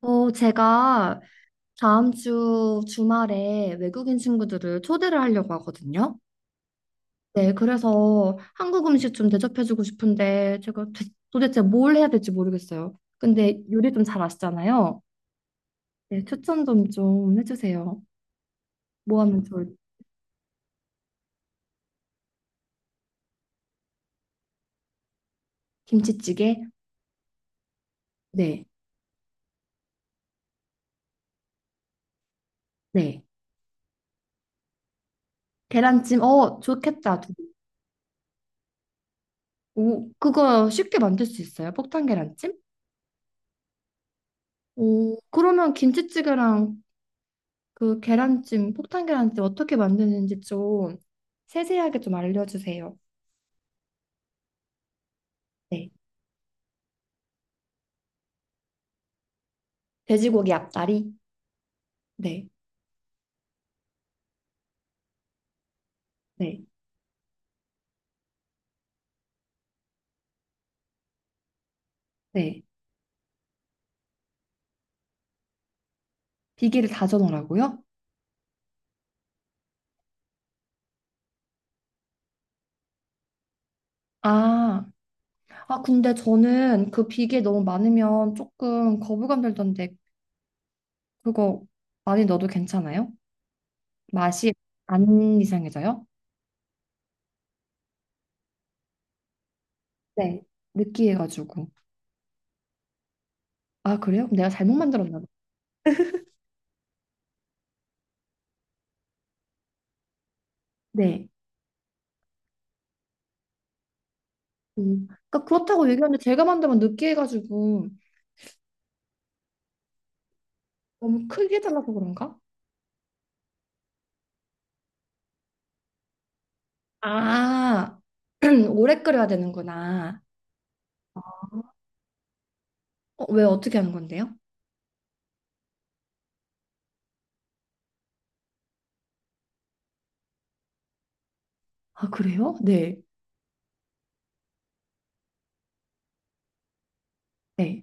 제가 다음 주 주말에 외국인 친구들을 초대를 하려고 하거든요. 네, 그래서 한국 음식 좀 대접해주고 싶은데 도대체 뭘 해야 될지 모르겠어요. 근데 요리 좀 잘 아시잖아요. 네, 추천 좀 해주세요. 뭐 하면 좋을? 김치찌개? 네, 네. 계란찜? 어, 좋겠다. 오, 그거 쉽게 만들 수 있어요? 폭탄 계란찜? 오, 그러면 김치찌개랑 그 계란찜, 폭탄 계란찜 어떻게 만드는지 좀 세세하게 좀 알려주세요. 네. 돼지고기 앞다리? 네. 네. 네. 비계를 다져 넣으라고요? 아, 아, 근데 저는 그 비계 너무 많으면 조금 거부감 들던데 그거 많이 넣어도 괜찮아요? 맛이 안 이상해져요? 네. 느끼해가지고. 아, 그래요? 그럼 내가 잘못 만들었나 봐. 네. 음. 그러니까 그렇다고 얘기하는데 제가 만들면 느끼해가지고 너무 크게 달라고 그런가? 아, 오래 끓여야 되는구나. 왜 어떻게 하는 건데요? 아, 그래요? 네. 네.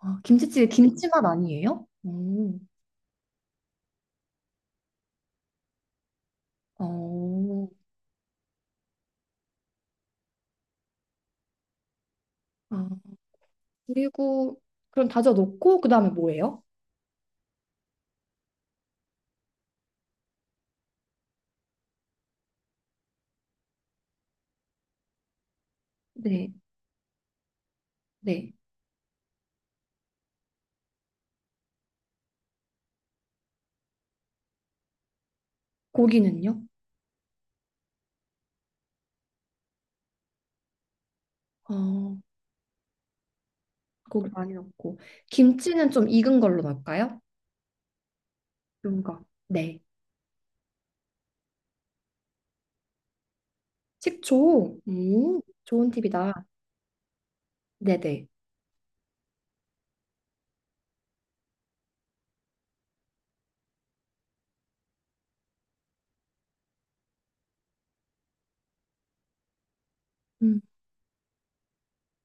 아, 김치찌개 김치맛 아니에요? 오, 어, 아, 그리고 그럼 다져 놓고 그다음에 뭐예요? 네, 네. 고기는요? 어, 고기 많이 넣고 김치는 좀 익은 걸로 넣을까요? 익은 거 네. 식초. 좋은 팁이다. 네네. 음,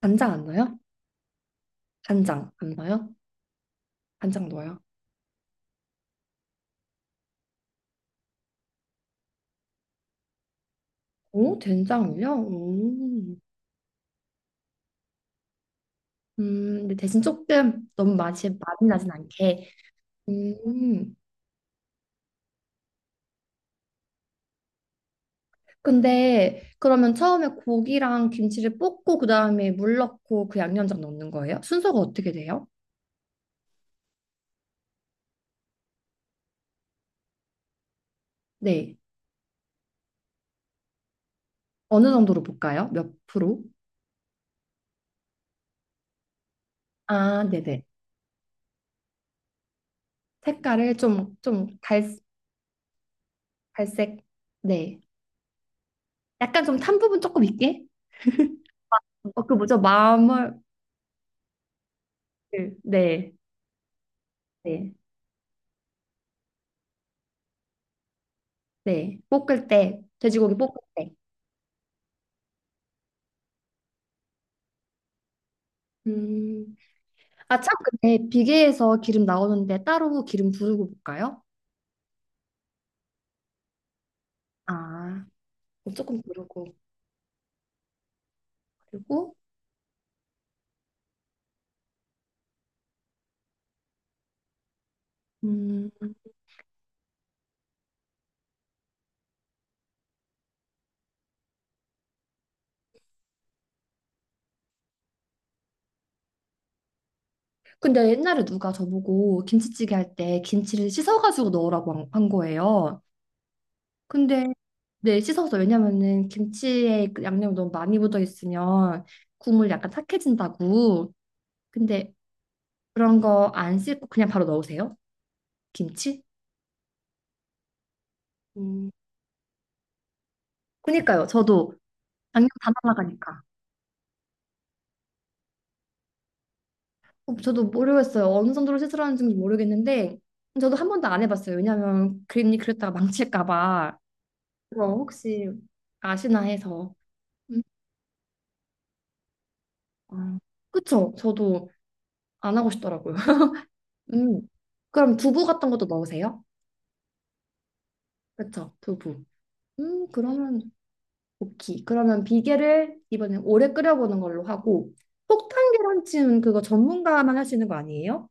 간장 안 넣어요? 간장 안 넣어요? 간장 넣어요. 오, 된장이요? 음. 근데 대신 조금 너무 맛이 많이 나진 않게. 음. 근데 그러면 처음에 고기랑 김치를 볶고 그다음에 물 넣고 그 양념장 넣는 거예요? 순서가 어떻게 돼요? 네. 어느 정도로 볶아요? 몇 프로? 아, 네네. 색깔을 좀, 갈색. 네. 약간 좀 탄 부분 조금 있게? 어, 그 뭐죠? 마물. 네. 네. 네. 볶을 때, 돼지고기 볶을 때. 음. 아, 참, 근데 비계에서 기름 나오는데 따로 기름 두르고 볶아요? 아, 조금 두르고. 그리고, 음, 근데 옛날에 누가 저보고 김치찌개 할 때 김치를 씻어가지고 넣으라고 한 거예요. 근데, 네, 씻어서, 왜냐면은 김치에 그 양념이 너무 많이 묻어 있으면 국물 약간 탁해진다고. 근데 그런 거 안 씻고 그냥 바로 넣으세요? 김치? 음, 그니까요. 저도 양념 다 날아가니까. 어, 저도 모르겠어요. 어느 정도로 시술하는지 모르겠는데 저도 한 번도 안 해봤어요. 왜냐하면 괜히 그랬다가 망칠까 봐. 그래서 혹시 아시나 해서. 음. 아, 그쵸? 저도 안 하고 싶더라고요. 음. 그럼 두부 같은 것도 넣으세요? 그쵸? 두부. 그러면 오케이. 그러면 비계를 이번엔 오래 끓여보는 걸로 하고 폭탄 계란찜 그거 전문가만 할 수 있는 거 아니에요?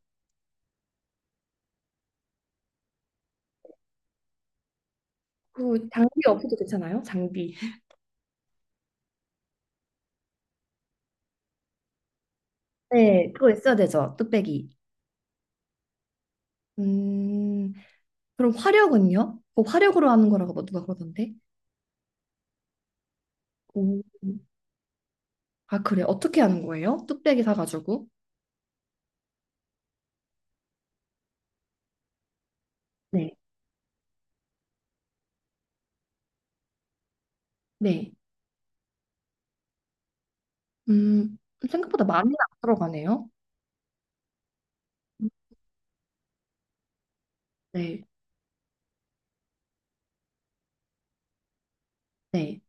그 장비 없어도 괜찮아요? 장비. 네, 그거 있어야 되죠. 뚝배기. 음. 그럼 화력은요? 그 화력으로 하는 거라고 뭐 누가 그러던데? 오, 아, 그래. 어떻게 하는 거예요? 뚝배기 사가지고. 네. 네. 음, 생각보다 많이 안 들어가네요. 음, 네. 네.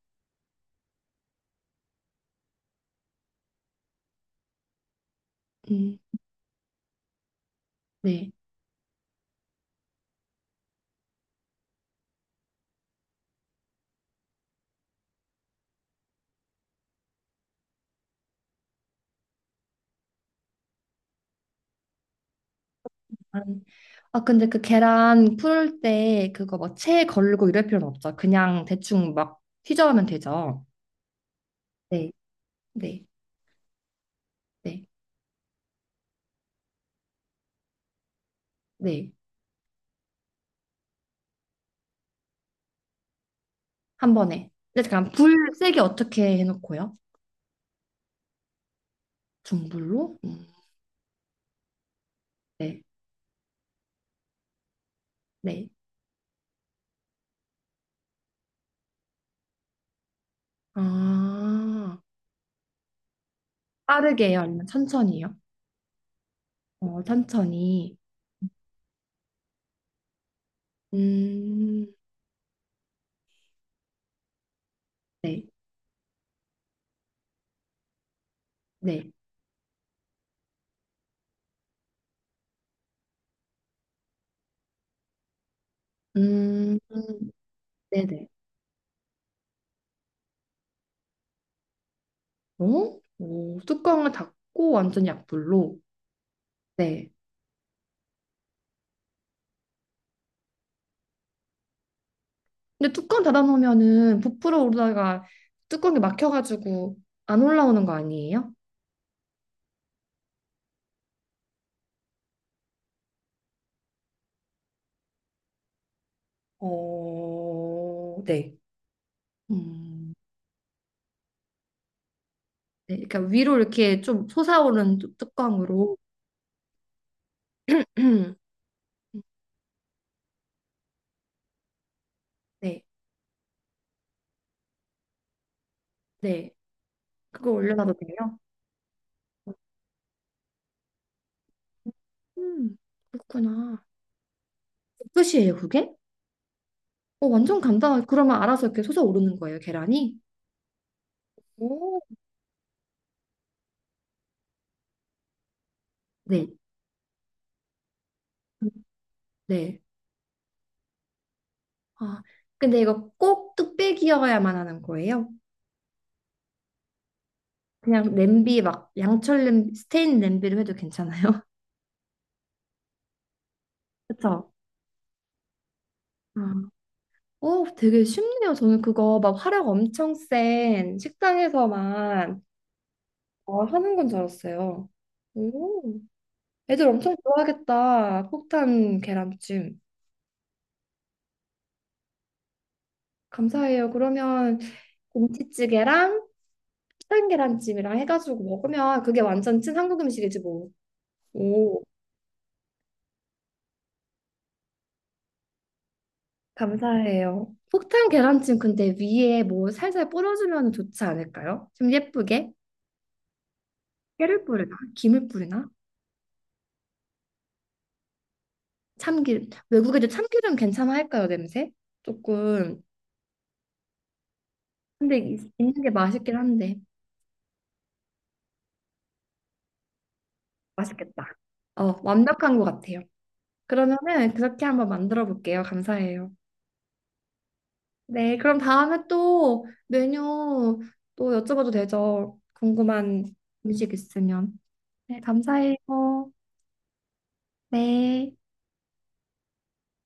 음, 네. 안- 아, 근데 그 계란 풀 때 그거 뭐 채 걸고 이럴 필요는 없죠. 그냥 대충 막 휘저으면 되죠. 네. 네. 네. 네. 한 번에. 근데 잠깐 불 세게 어떻게 해놓고요? 중불로? 네. 네. 아. 빠르게요? 아니면 천천히요? 어, 천천히. 음, 네, 네. 음, 음, 네네. 어? 오, 뚜껑을 닫고 완전 약불로. 네. 근데 뚜껑 닫아놓으면은 부풀어 오르다가 뚜껑이 막혀가지고 안 올라오는 거 아니에요? 어, 네. 음, 네. 그러니까 위로 이렇게 좀 솟아오른 뚜껑으로. 네, 네. 그거 올려놔도 돼요? 음, 그렇구나. 끝이에요, 그게? 어, 완전 간단하게. 그러면 알아서 이렇게 솟아오르는 거예요, 계란이? 오, 네. 네. 아, 근데 이거 꼭 뚝배기여야만 하는 거예요? 그냥 냄비 막 양철 냄비, 스테인 냄비로 해도 괜찮아요? 그쵸? 아, 어, 되게 쉽네요. 저는 그거 막 화력 엄청 센 식당에서만 어, 하는 건 줄 알았어요. 오, 애들 엄청 좋아하겠다. 폭탄 계란찜. 감사해요. 그러면 김치찌개랑 산 계란찜이랑 해가지고 먹으면 그게 완전 찐 한국 음식이지 뭐. 오, 감사해요. 폭탄 계란찜 근데 위에 뭐 살살 뿌려주면 좋지 않을까요? 좀 예쁘게? 깨를 뿌리나? 김을 뿌리나? 참기름. 외국에도 참기름 괜찮아 할까요, 냄새? 조금. 근데 있는 게 맛있긴 한데. 맛있겠다. 어, 완벽한 것 같아요. 그러면은 그렇게 한번 만들어 볼게요. 감사해요. 네, 그럼 다음에 또 메뉴 또 여쭤봐도 되죠? 궁금한 음식 있으면. 네, 감사해요. 네.